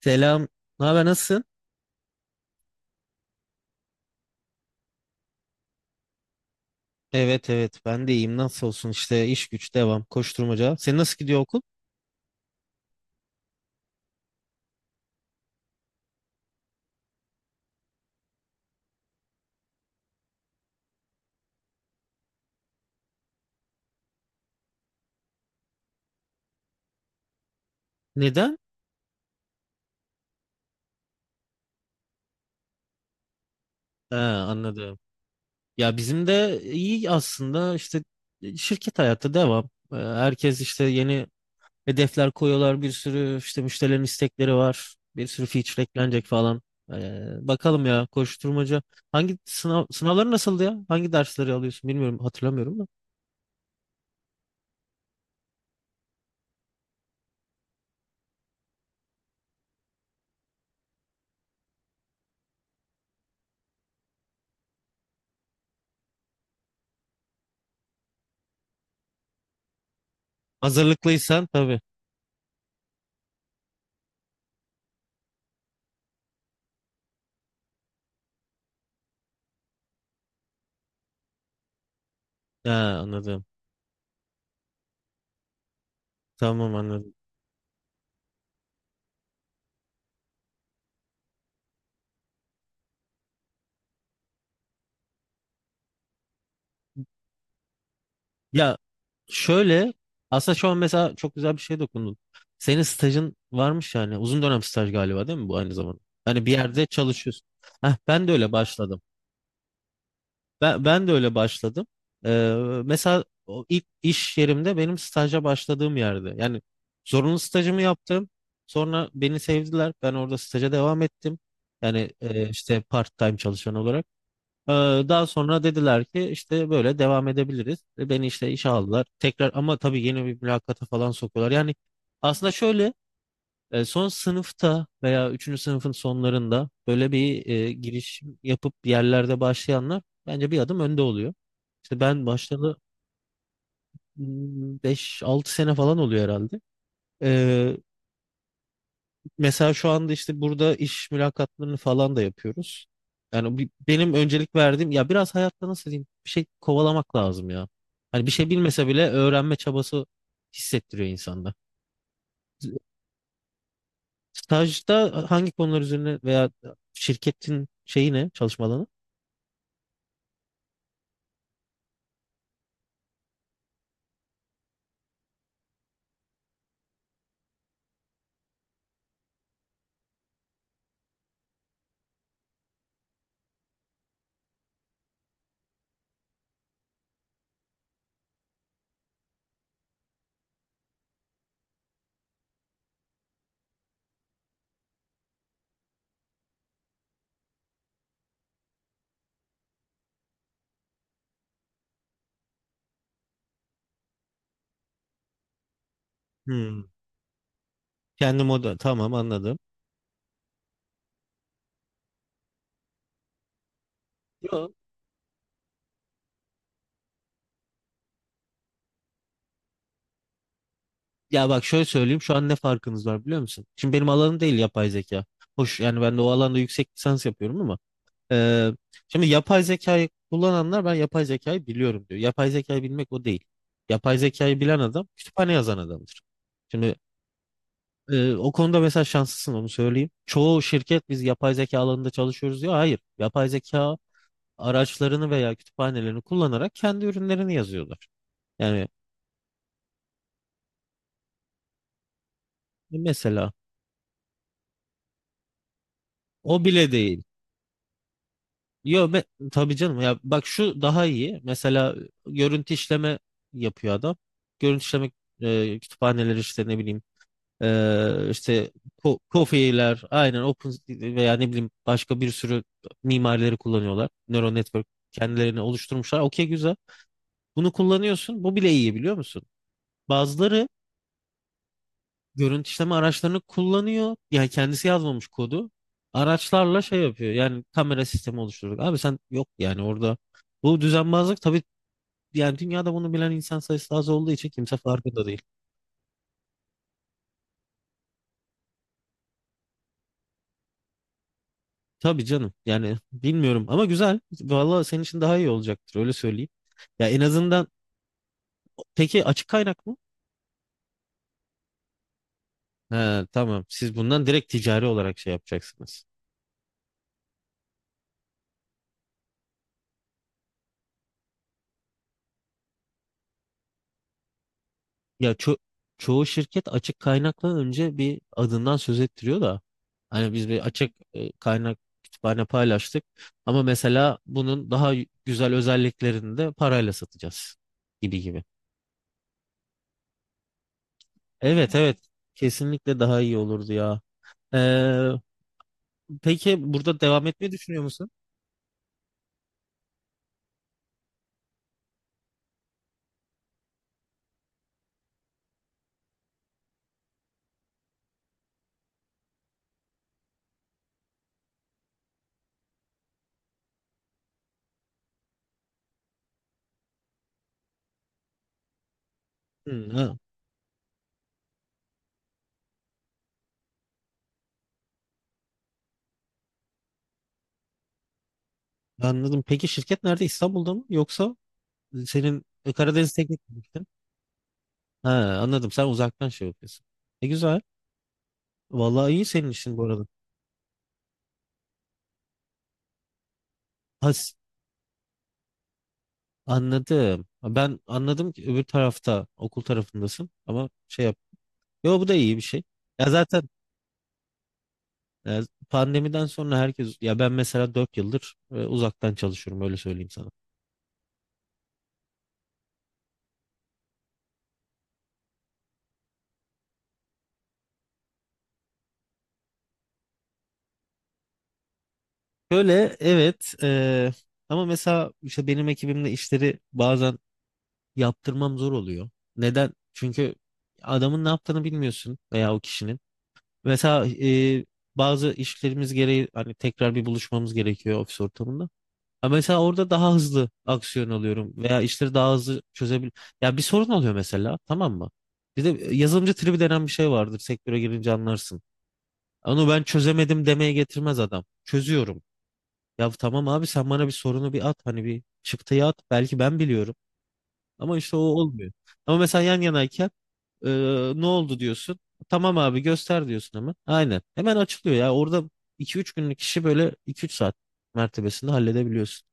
Selam. Ne haber, nasılsın? Evet evet ben de iyiyim. Nasıl olsun işte iş güç devam koşturmaca. Senin nasıl gidiyor okul? Neden? He, anladım. Ya bizim de iyi aslında işte şirket hayatı devam. Herkes işte yeni hedefler koyuyorlar. Bir sürü işte müşterilerin istekleri var. Bir sürü feature eklenecek falan. Bakalım ya koşturmaca. Hangi sınavları nasıldı ya? Hangi dersleri alıyorsun bilmiyorum hatırlamıyorum da. Hazırlıklıysan tabii. Ha, anladım. Tamam anladım. Ya şöyle aslında şu an mesela çok güzel bir şey dokundun. Senin stajın varmış yani uzun dönem staj galiba değil mi bu aynı zamanda? Hani bir yerde çalışıyorsun. Heh, ben de öyle başladım. Ben de öyle başladım. Ee, mesela o ilk iş yerimde benim staja başladığım yerde. Yani zorunlu stajımı yaptım. Sonra beni sevdiler. Ben orada staja devam ettim. Yani işte part time çalışan olarak. Ee, Daha sonra dediler ki işte böyle devam edebiliriz. Beni işte işe aldılar. Tekrar ama tabii yeni bir mülakata falan sokuyorlar. Yani aslında şöyle son sınıfta veya üçüncü sınıfın sonlarında böyle bir giriş yapıp bir yerlerde başlayanlar bence bir adım önde oluyor. İşte ben başladı 5-6 sene falan oluyor herhalde. Ee, mesela şu anda işte burada iş mülakatlarını falan da yapıyoruz. Yani benim öncelik verdiğim ya biraz hayatta nasıl diyeyim bir şey kovalamak lazım ya. Hani bir şey bilmese bile öğrenme çabası hissettiriyor insanda. Stajda hangi konular üzerine veya şirketin şeyi ne çalışma alanı? Hmm. Kendi moda tamam anladım. Yo, ya bak şöyle söyleyeyim şu an ne farkınız var biliyor musun? Şimdi benim alanım değil yapay zeka. Hoş yani ben de o alanda yüksek lisans yapıyorum ama Ee, şimdi yapay zekayı kullananlar ben yapay zekayı biliyorum diyor. Yapay zekayı bilmek o değil. Yapay zekayı bilen adam kütüphane yazan adamdır. Şimdi o konuda mesela şanslısın onu söyleyeyim. Çoğu şirket biz yapay zeka alanında çalışıyoruz diyor. Hayır. Yapay zeka araçlarını veya kütüphanelerini kullanarak kendi ürünlerini yazıyorlar. Yani mesela o bile değil. Yo be, tabii canım ya bak şu daha iyi. Mesela görüntü işleme yapıyor adam. Görüntü işleme kütüphaneleri işte ne bileyim işte Kofi'ler aynen Open veya ne bileyim başka bir sürü mimarileri kullanıyorlar. Neural network kendilerini oluşturmuşlar. Okey güzel. Bunu kullanıyorsun. Bu bile iyi biliyor musun? Bazıları görüntü işleme araçlarını kullanıyor. Yani kendisi yazmamış kodu. Araçlarla şey yapıyor. Yani kamera sistemi oluşturduk. Abi sen yok yani orada. Bu düzenbazlık tabii yani dünyada bunu bilen insan sayısı az olduğu için kimse farkında değil. Tabii canım. Yani bilmiyorum ama güzel. Vallahi senin için daha iyi olacaktır öyle söyleyeyim. Ya en azından peki açık kaynak mı? He, tamam. Siz bundan direkt ticari olarak şey yapacaksınız. Ya çoğu şirket açık kaynakla önce bir adından söz ettiriyor da hani biz bir açık kaynak kütüphane paylaştık ama mesela bunun daha güzel özelliklerini de parayla satacağız gibi gibi. Evet evet kesinlikle daha iyi olurdu ya. Ee, peki burada devam etmeyi düşünüyor musun? Hı, ha, anladım. Peki şirket nerede? İstanbul'da mı? Yoksa senin Karadeniz Teknik mi gittin? Ha, anladım. Sen uzaktan şey yapıyorsun. E güzel. Vallahi iyi senin işin bu arada. Has, anladım. Ben anladım ki öbür tarafta, okul tarafındasın ama şey yap. Yo bu da iyi bir şey. Ya zaten e, pandemiden sonra herkes ya ben mesela 4 yıldır uzaktan çalışıyorum öyle söyleyeyim sana. Şöyle evet ama mesela işte benim ekibimde işleri bazen yaptırmam zor oluyor. Neden? Çünkü adamın ne yaptığını bilmiyorsun veya o kişinin. Mesela bazı işlerimiz gereği hani tekrar bir buluşmamız gerekiyor ofis ortamında. Ha mesela orada daha hızlı aksiyon alıyorum veya işleri daha hızlı çözebil. Ya bir sorun oluyor mesela tamam mı? Bir de yazılımcı tribi denen bir şey vardır sektöre girince anlarsın. Onu ben çözemedim demeye getirmez adam. Çözüyorum. Ya tamam abi sen bana bir sorunu bir at hani bir çıktıyı at belki ben biliyorum. Ama işte o olmuyor. Ama mesela yan yanayken e, ne oldu diyorsun. Tamam abi göster diyorsun hemen. Aynen. Hemen açılıyor ya. Orada 2-3 günlük işi böyle 2-3 saat mertebesinde halledebiliyorsun.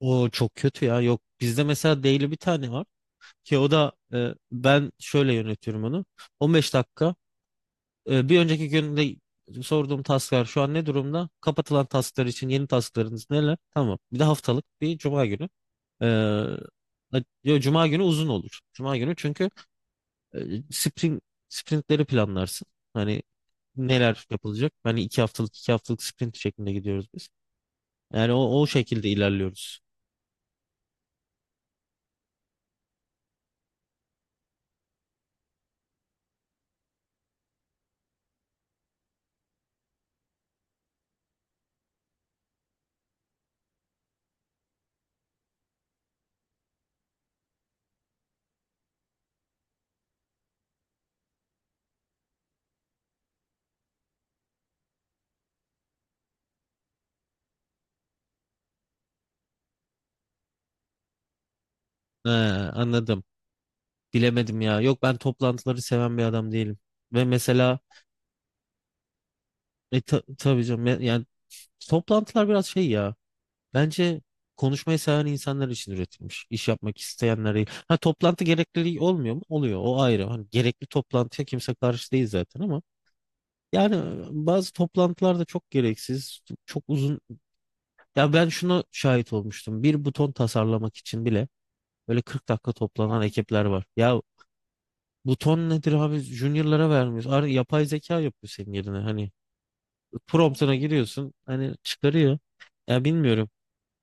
O çok kötü ya. Yok bizde mesela daily bir tane var ki o da ben şöyle yönetiyorum onu. 15 dakika bir önceki günde sorduğum tasklar şu an ne durumda? Kapatılan tasklar için yeni tasklarınız neler? Tamam. Bir de haftalık bir cuma günü. Ee, ya Cuma günü uzun olur. Cuma günü çünkü e, sprint, sprintleri planlarsın. Hani neler yapılacak? Hani iki haftalık iki haftalık sprint şeklinde gidiyoruz biz. Yani o, o şekilde ilerliyoruz. He, anladım. Bilemedim ya. Yok ben toplantıları seven bir adam değilim. Ve mesela tabii canım yani toplantılar biraz şey ya. Bence konuşmayı seven insanlar için üretilmiş. İş yapmak isteyenler değil. Ha toplantı gerekli olmuyor mu? Oluyor. O ayrı. Hani gerekli toplantıya kimse karşı değil zaten ama yani bazı toplantılar da çok gereksiz, çok uzun. Ya ben şuna şahit olmuştum. Bir buton tasarlamak için bile böyle 40 dakika toplanan ekipler var. Ya buton nedir abi? Junior'lara vermiyoruz. Yapay zeka yapıyor senin yerine. Hani promptuna giriyorsun. Hani çıkarıyor. Ya bilmiyorum.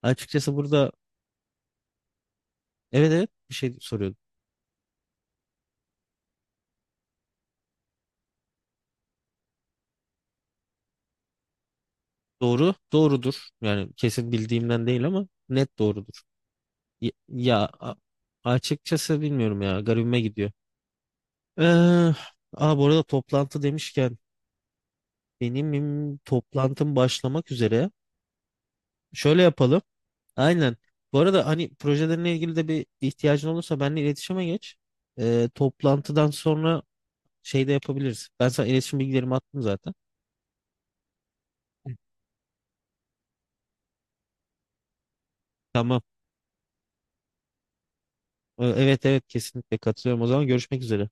Açıkçası burada evet evet bir şey soruyor. Doğru, doğrudur. Yani kesin bildiğimden değil ama net doğrudur. Ya, ya açıkçası bilmiyorum ya. Garibime gidiyor. Ee, bu arada toplantı demişken benim toplantım başlamak üzere. Şöyle yapalım. Aynen. Bu arada hani projelerinle ilgili de bir ihtiyacın olursa benimle iletişime geç. Toplantıdan sonra şey de yapabiliriz. Ben sana iletişim bilgilerimi attım zaten. Tamam. Evet evet kesinlikle katılıyorum. O zaman görüşmek üzere.